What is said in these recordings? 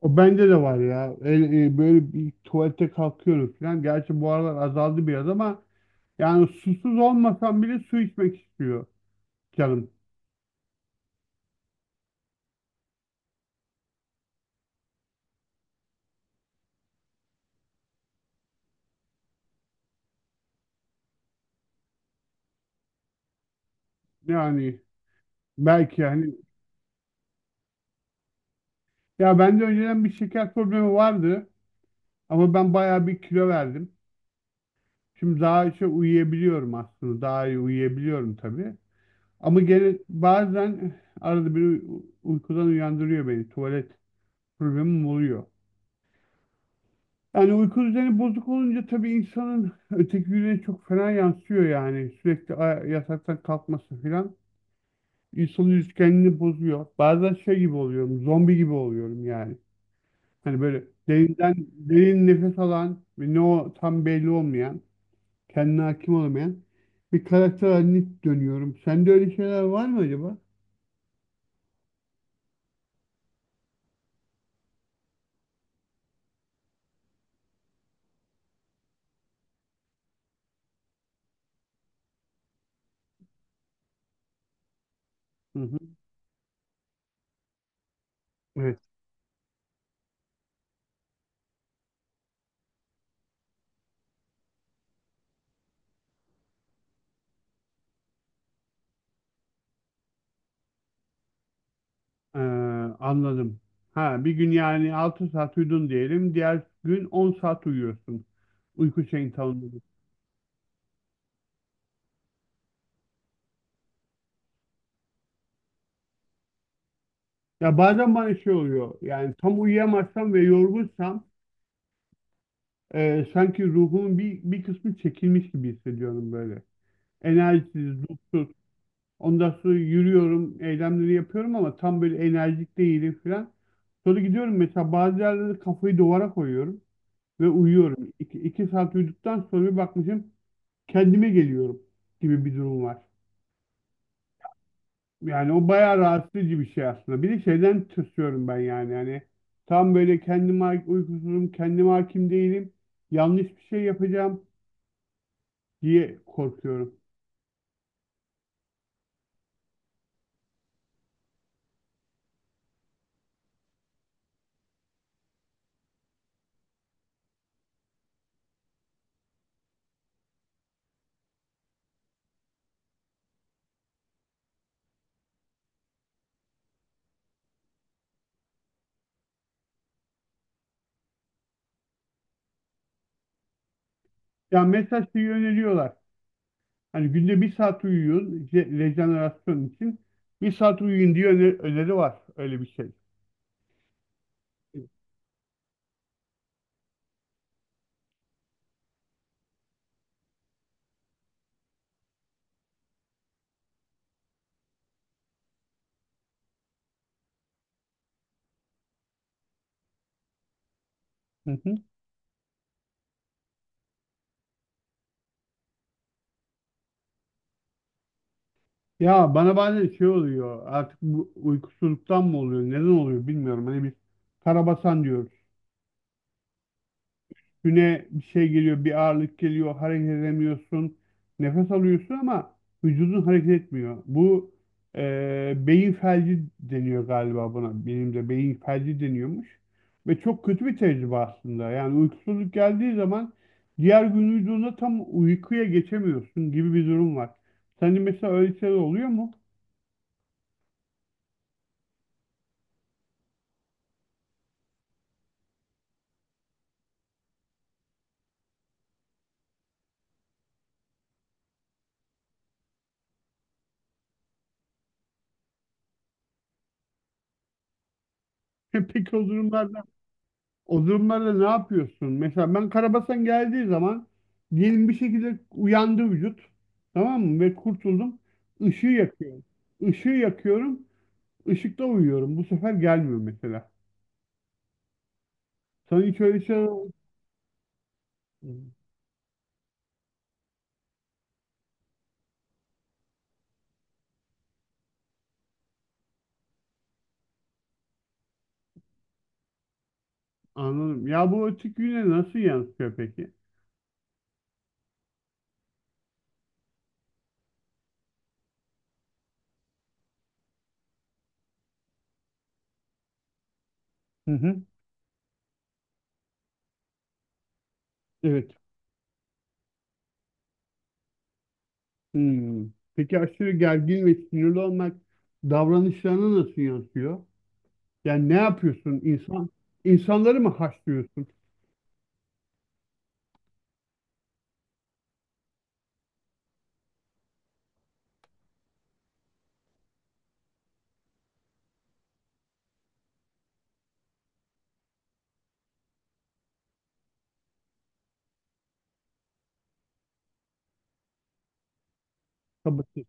O bende de var ya. Böyle bir tuvalete kalkıyorum falan. Gerçi bu aralar azaldı biraz ama yani susuz olmasam bile su içmek istiyor canım. Yani belki yani. Ya bende önceden bir şeker problemi vardı ama ben bayağı bir kilo verdim. Şimdi daha şey uyuyabiliyorum aslında. Daha iyi uyuyabiliyorum tabii. Ama gene bazen arada bir uykudan uyandırıyor beni. Tuvalet problemim oluyor. Yani uyku düzeni bozuk olunca tabii insanın öteki güne çok fena yansıyor yani. Sürekli yataktan kalkması falan. İnsanın üretkenliğini bozuyor. Bazen şey gibi oluyorum, zombi gibi oluyorum yani. Hani böyle derinden, derin nefes alan ve ne o tam belli olmayan, kendine hakim olamayan bir karakter haline dönüyorum. Sende öyle şeyler var mı acaba? Hı hı. Evet. Ee, anladım. Ha, bir gün yani 6 saat uyudun diyelim. Diğer gün 10 saat uyuyorsun. Uyku şeyin tanımladı. Ya bazen bana şey oluyor. Yani tam uyuyamazsam ve yorgunsam sanki ruhumun bir kısmı çekilmiş gibi hissediyorum böyle. Enerjisiz, ruhsuz. Ondan sonra yürüyorum, eylemleri yapıyorum ama tam böyle enerjik değilim falan. Sonra gidiyorum mesela bazı yerlerde kafayı duvara koyuyorum ve uyuyorum. İki saat uyuduktan sonra bir bakmışım kendime geliyorum gibi bir durum var. Yani o bayağı rahatsız edici bir şey aslında. Bir de şeyden tırsıyorum ben yani. Yani tam böyle kendime uykusuzum, kendime hakim değilim. Yanlış bir şey yapacağım diye korkuyorum. Ya mesela şeyi öneriyorlar. Hani günde bir saat uyuyun rejenerasyon için. Bir saat uyuyun diye öneri var. Öyle bir şey. Hı hı. Ya bana bazen şey oluyor artık bu uykusuzluktan mı oluyor neden oluyor bilmiyorum. Hani biz karabasan diyoruz. Güne bir şey geliyor bir ağırlık geliyor hareket edemiyorsun. Nefes alıyorsun ama vücudun hareket etmiyor. Bu beyin felci deniyor galiba buna. Benim de beyin felci deniyormuş. Ve çok kötü bir tecrübe aslında. Yani uykusuzluk geldiği zaman diğer gün vücudunda tam uykuya geçemiyorsun gibi bir durum var. Senin mesela öyle şeyler oluyor mu? Peki o durumlarda O durumlarda ne yapıyorsun? Mesela ben karabasan geldiği zaman diyelim bir şekilde uyandı vücut. Tamam mı? Ve kurtuldum. Işığı yakıyorum. Işığı yakıyorum. Işıkta uyuyorum. Bu sefer gelmiyor mesela. Sana hiç öyle şeyler oldu mu? Anladım. Ya bu açık güne nasıl yansıyor peki? Hı hı. Evet. Hmm. Peki aşırı gergin ve sinirli olmak davranışlarına nasıl yansıyor? Yani ne yapıyorsun? İnsanları mı haşlıyorsun? Sabırsız.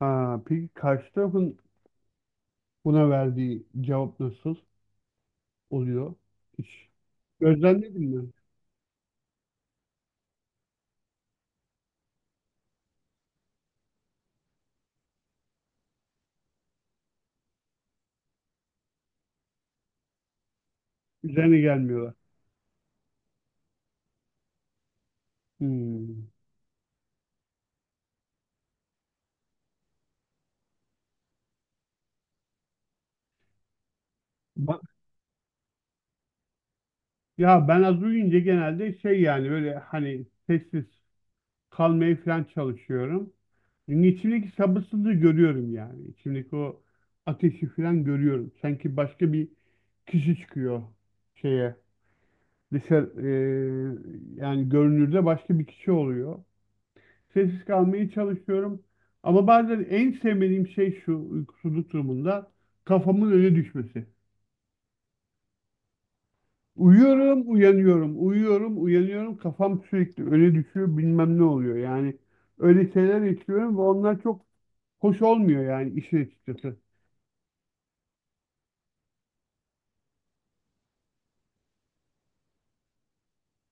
Ha, peki karşı tarafın buna verdiği cevap nasıl oluyor? Hiç gözlemledin mi? Üzerine gelmiyorlar. Hmm. Ba- Ya ben az uyuyunca genelde şey yani böyle hani sessiz kalmaya falan çalışıyorum. Çünkü içimdeki sabırsızlığı görüyorum yani. İçimdeki o ateşi falan görüyorum. Sanki başka bir kişi çıkıyor şeye. Dışarı, yani görünürde başka bir kişi oluyor. Sessiz kalmaya çalışıyorum. Ama bazen en sevmediğim şey şu uykusuzluk durumunda kafamın öne düşmesi. Uyuyorum, uyanıyorum, uyuyorum, uyanıyorum. Kafam sürekli öne düşüyor, bilmem ne oluyor. Yani öyle şeyler yaşıyorum ve onlar çok hoş olmuyor yani işin açıkçası.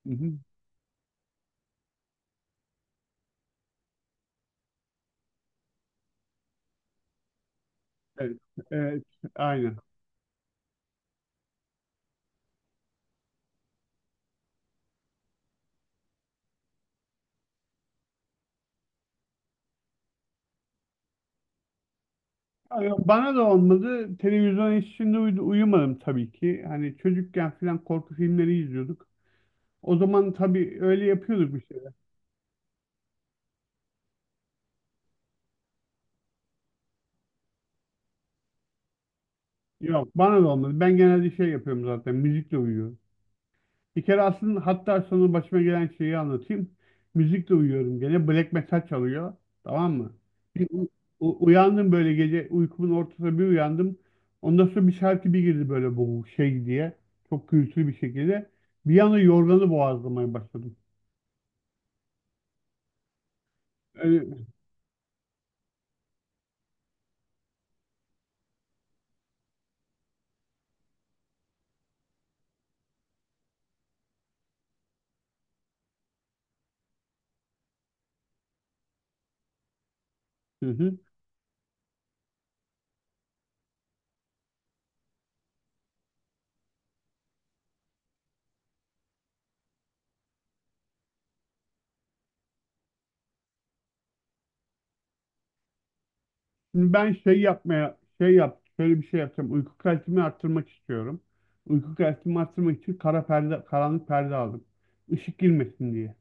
Hı hı. Evet, evet, aynen. Abi bana da olmadı. Televizyon içinde uyumadım tabii ki. Hani çocukken falan korku filmleri izliyorduk. O zaman tabii öyle yapıyorduk. Yok bana da olmadı. Ben genelde şey yapıyorum zaten. Müzikle uyuyorum. Bir kere aslında hatta sonra başıma gelen şeyi anlatayım. Müzikle uyuyorum gene. Black metal çalıyor. Tamam mı? Bir u- uyandım böyle gece uykumun ortasında bir uyandım. Ondan sonra bir şarkı bir girdi böyle bu şey diye. Çok gürültülü bir şekilde. Bir anda yorganı boğazlamaya başladım. Öyle... Hı hı. Şimdi ben şey yapmaya şey yap şöyle bir şey yapacağım. Uyku kalitemi arttırmak istiyorum. Uyku kalitemi arttırmak için kara perde, karanlık perde aldım. Işık girmesin diye.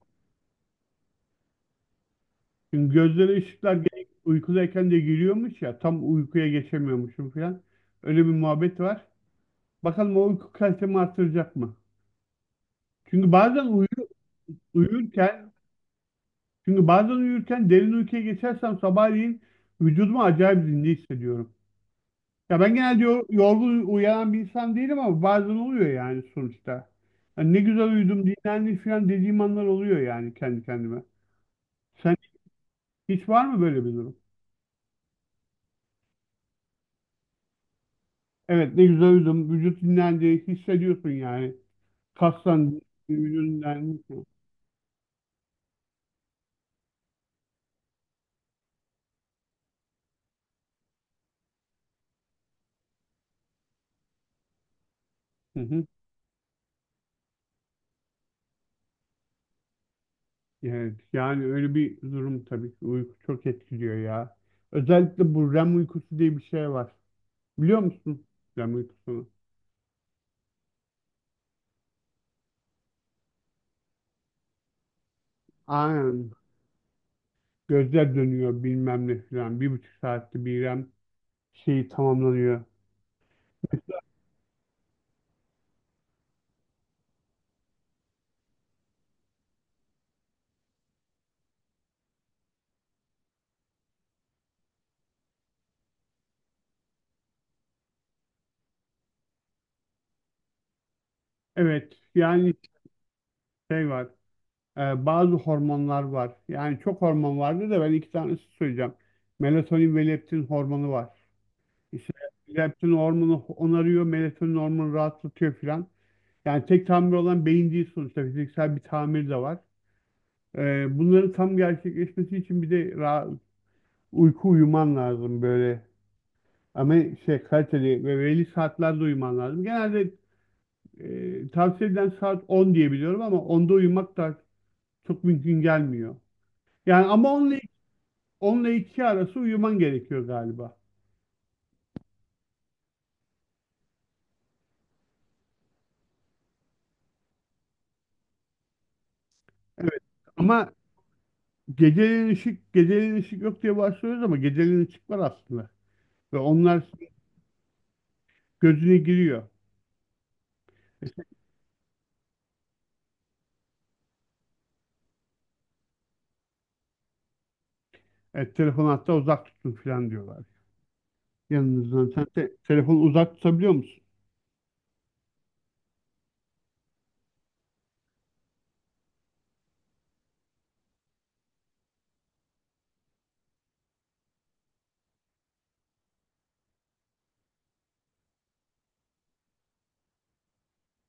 Çünkü gözlere ışıklar gene uykudayken de giriyormuş ya tam uykuya geçemiyormuşum falan. Öyle bir muhabbet var. Bakalım o uyku kalitemi arttıracak mı? Çünkü bazen uyurken çünkü bazen uyurken derin uykuya geçersem sabahleyin vücudumu acayip zinde hissediyorum. Ya ben genelde yorgun uyanan bir insan değilim ama bazen oluyor yani sonuçta. Hani ne güzel uyudum, dinlendim falan dediğim anlar oluyor yani kendi kendime. Sen hiç var mı böyle bir durum? Evet ne güzel uyudum, vücut dinlendi, hissediyorsun yani. Kastan vücudun. Hı hı. Evet yani öyle bir durum tabii ki uyku çok etkiliyor ya. Özellikle bu REM uykusu diye bir şey var. Biliyor musun REM uykusunu? Aynen. Gözler dönüyor bilmem ne falan. Bir buçuk saatte bir şeyi tamamlanıyor. Evet, yani şey var. Bazı hormonlar var. Yani çok hormon vardı da ben iki tanesi söyleyeceğim. Melatonin ve leptin hormonu var. İşte leptin hormonu onarıyor, melatonin hormonu rahatlatıyor filan. Yani tek tamir olan beyin değil sonuçta. Fiziksel bir tamir de var. E, bunların tam gerçekleşmesi için bir de uyku uyuman lazım böyle. Ama şey kaliteli ve belli saatlerde uyuman lazım. Genelde E, tavsiye edilen saat 10 diye biliyorum ama 10'da uyumak da çok mümkün gelmiyor. Yani ama 10 ile, 10 2 arası uyuman gerekiyor galiba. Evet. Ama geceleyin ışık, geceleyin ışık yok diye başlıyoruz ama geceleyin ışık var aslında. Ve onlar gözüne giriyor. Evet, telefonu hatta uzak tutun falan diyorlar. Yanınızdan. Sen telefonu uzak tutabiliyor musun?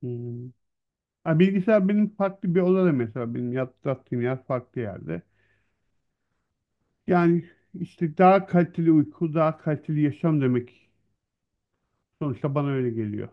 Hmm. Ha, bilgisayar benim farklı bir odada mesela. Benim yattığım yer farklı yerde. Yani işte daha kaliteli uyku, daha kaliteli yaşam demek. Sonuçta bana öyle geliyor.